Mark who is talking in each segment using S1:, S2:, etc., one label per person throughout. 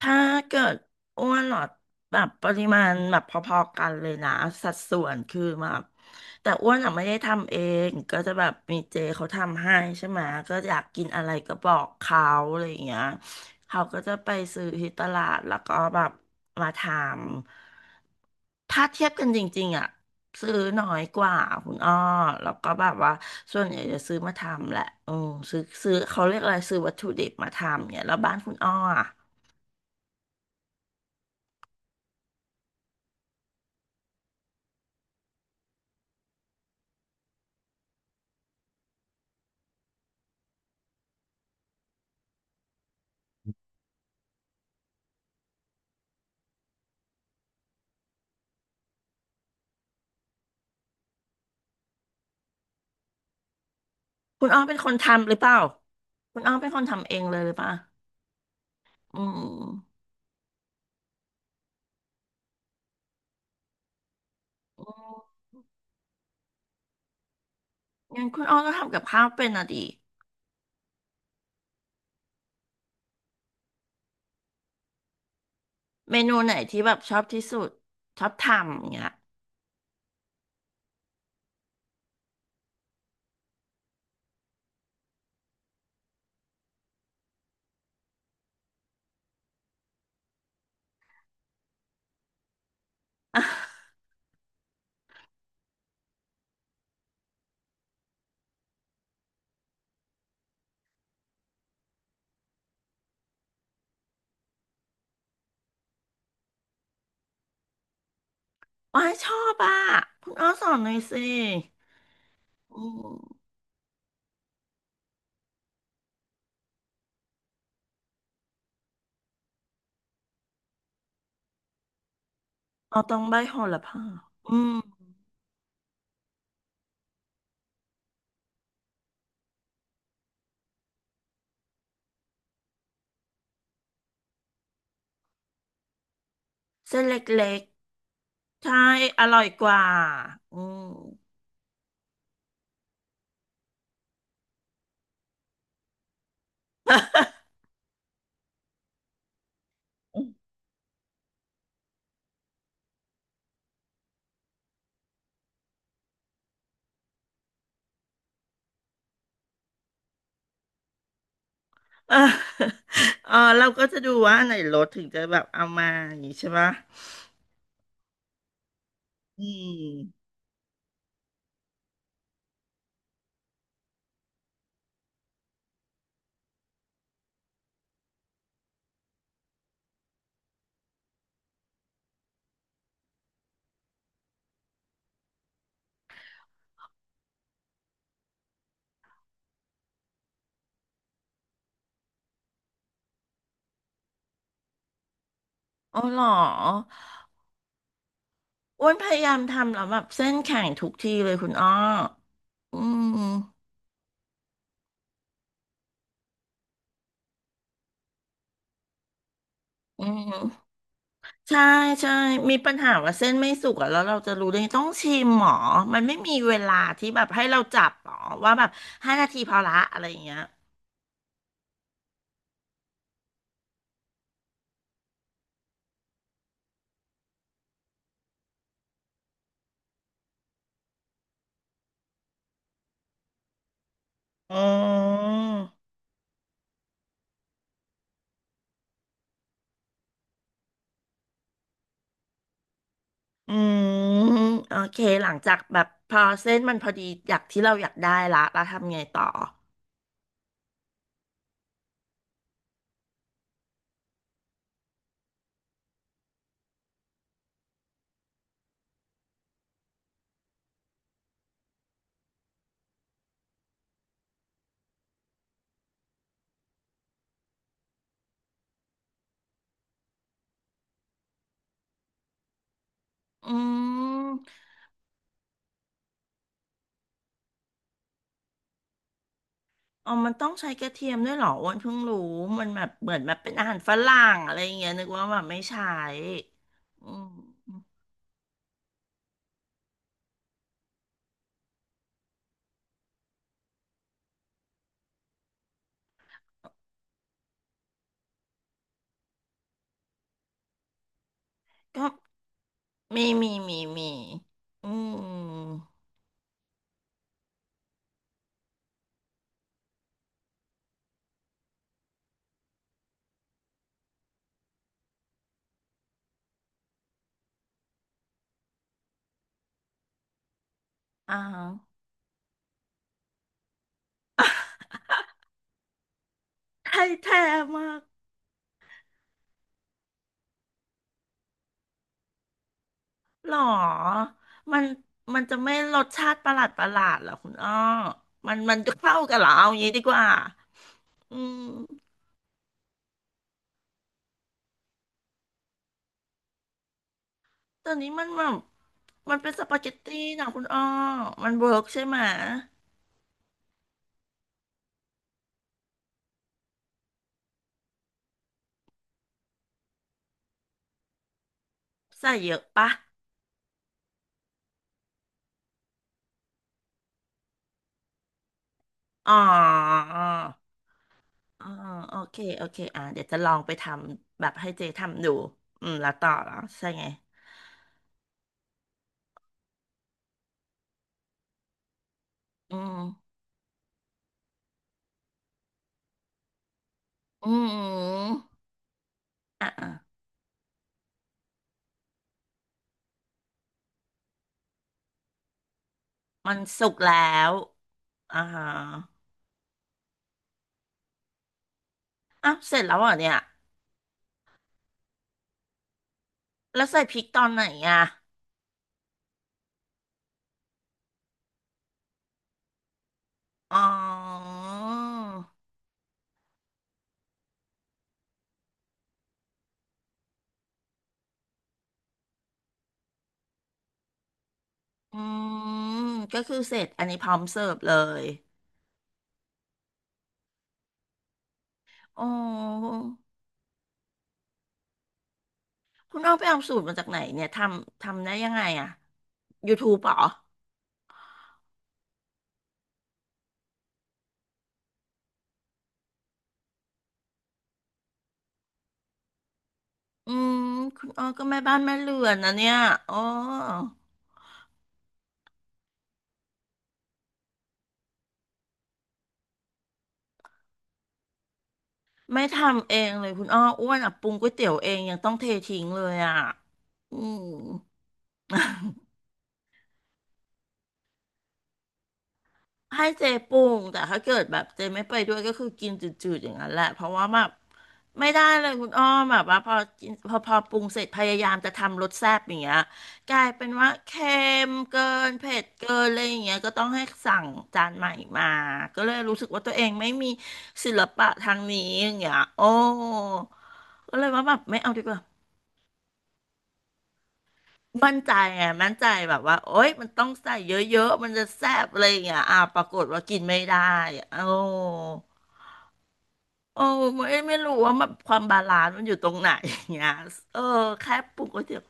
S1: ถ้าเกิดอ้วนเหรอแบบปริมาณแบบพอๆกันเลยนะสัดส่วนคือแบบแต่อ้วนอะไม่ได้ทำเองก็จะแบบมีเจเขาทำให้ใช่ไหมก็อยากกินอะไรก็บอกเขาอะไรอย่างเงี้ยเขาก็จะไปซื้อที่ตลาดแล้วก็แบบมาทำถ้าเทียบกันจริงๆอ่ะซื้อน้อยกว่าคุณอ้อแล้วก็แบบว่าส่วนใหญ่จะซื้อมาทำแหละอืมซื้อเขาเรียกอะไรซื้อวัตถุดิบมาทำเนี่ยแล้วบ้านคุณอ้ออะ คุณอ้อเป็นคนทำหรือเปล่าคุณอ้อเป็นคนทำเองเลยหรือเปล่าอืมอืมงั้นคุณอ้อก็ทำกับข้าวเป็นอ่ะดิเมนูไหนที่แบบชอบที่สุดชอบทำอย่างเงี้ย อ้อยชอบอ่ะคุณอ้อสอนหน่อยสิอืมเอาต้องใบโหระพาอืมเส้นเล็กๆ ใช่อร่อยกว่าอืม เออเออเราก็จะดูว่าอันไหนลดถึงจะแบบเอามาอย่างนี้ใช่ปะอืมอ๋อเหรอ อ้วนพยายามทำแล้วแบบเส้นแข็งทุกทีเลยคุณอ้ออืมอืมใช่ใช่มีปัญหาว่าเส้นไม่สุกอะแล้วเราจะรู้ได้ไงต้องชิมหมอมันไม่มีเวลาที่แบบให้เราจับหรอว่าแบบ5 นาทีพอละอะไรอย่างเงี้ยอืมอืมโอเคหลังจากแบบพอเส้นมันพอดีอยากที่เราอยากได้ละเราทำไงต่ออืม อ๋อมันต้องใช้กระเทียมด้วยเหรออ้วันเพิ่งรู้ มันแบบเหมือนแบบเป็นอาหารฝรั่งอะไรอย่างเงี้ยนึกว่าแบบไม่ใช้อืมก็มีอืม อ่าฮะไทยแท้มากเหรอมันมันจะไม่รสชาติประหลาดประหลาดเหรอคุณอ้อ มันมันจะเข้ากันเหรอเอางี้ดีกว่าอืมตอนนี้มันแบบมันเป็นสปาเกตตี้นะคุณอ้อมันเวิร์กใช่ไหมใส่เยอะปะอ๋อ อ๋อโอเคโอเคอ่าเดี๋ยวจะลองไปทำแบบให้เจทำดูอืมแล้วต่อเหรอใช่ไงอืมอืมอ่ะอ่ะมันสุกแล้วอ่าฮะอ้าวเสร็จแล้วเหรอเนี่ยแล้วใส่พริกตอนไหนอ่ะอ๋ออืมก็คือเสร็จอันนี้พร้อมเสิร์ฟเลยอ๋อคุณอ้อไปเอาสูตรมาจากไหนเนี่ยทำได้ยังไงอ่ะ YouTube เหรออืมคุณอ้อก็แม่บ้านแม่เรือนนะเนี่ยอ๋อ ไม่ทำเองเลยคุณอ้ออ้วนอ่ะปรุงก๋วยเตี๋ยวเองยังต้องเททิ้งเลยอ่ะอืมให้เจปรุงแต่ถ้าเกิดแบบเจไม่ไปด้วยก็คือกินจืดๆอย่างนั้นแหละเพราะว่าแบบไม่ได้เลยคุณอ้อมแบบว่าพอกินพอพอปรุงเสร็จพยายามจะทำรสแซ่บอย่างเงี้ยกลายเป็นว่าเค็มเกินเผ็ดเกินอะไรอย่างเงี้ยก็ต้องให้สั่งจานใหม่มาก็เลยรู้สึกว่าตัวเองไม่มีศิลปะทางนี้อย่างเงี้ยโอ้ก็เลยว่าแบบไม่เอาดีกว่า มั่นใจไงมั่นใจแบบว่าโอ๊ยมันต้องใส่เยอะๆมันจะแซ่บอะไรอย่างเงี้ยอ่าปรากฏว่ากินไม่ได้อะโอ้โอ้ไม่รู้ว่ามันความบาลานซ์มันอยู่ตรงไหนอย่างเงี้ยเออแค่ปรุงก๋วยเตี๋ยว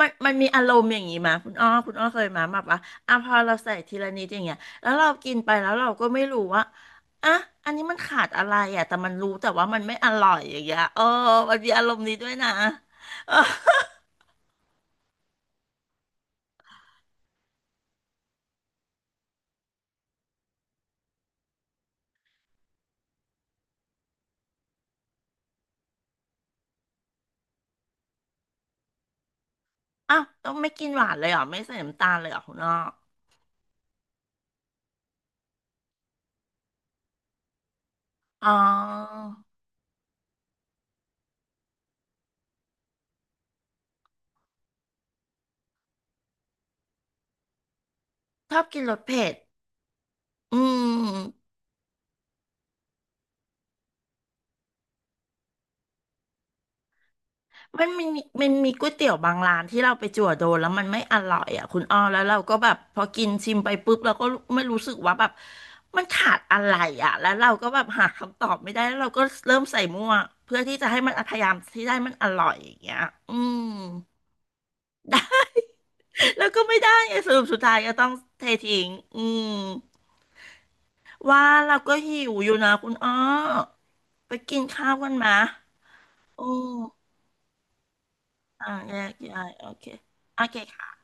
S1: มันมีอารมณ์อย่างงี้มาคุณอ้อคุณอ้อเคยมาแบบว่าอ่ะพอเราใส่ทีละนิดอย่างเงี้ยแล้วเรากินไปแล้วเราก็ไม่รู้ว่าอ่ะอันนี้มันขาดอะไรอ่ะแต่มันรู้แต่ว่ามันไม่อร่อยอย่างเงี้ยเออมันมีอารมณ์นี้ด้วยนะเอออ้าวต้องไม่กินหวานเลยเหรอไม่ใส่น้ำตาลเลยเหรอคุณอ้อ อ๋อชอบกินรสเผ็ดอืมมันมีมันมีก๋วยเตี๋ยวบางร้านที่เราไปจั่วโดนแล้วมันไม่อร่อยอ่ะคุณอ้อแล้วเราก็แบบพอกินชิมไปปุ๊บเราก็ไม่รู้สึกว่าแบบมันขาดอะไรอ่ะแล้วเราก็แบบหาคำตอบไม่ได้แล้วเราก็เริ่มใส่มั่วเพื่อที่จะให้มันพยายามที่ได้มันอร่อยอย่างเงี้ยอืม ได้แล้วก็ไม่ได้ไงสรุปสุดท้ายก็ต้องเททิ้งอืมว่าเราก็หิวอยู่นะคุณอ้อไปกินข้าวกันมาโอ้ อ่าแยกย้ายโอเคโอเคค่ะ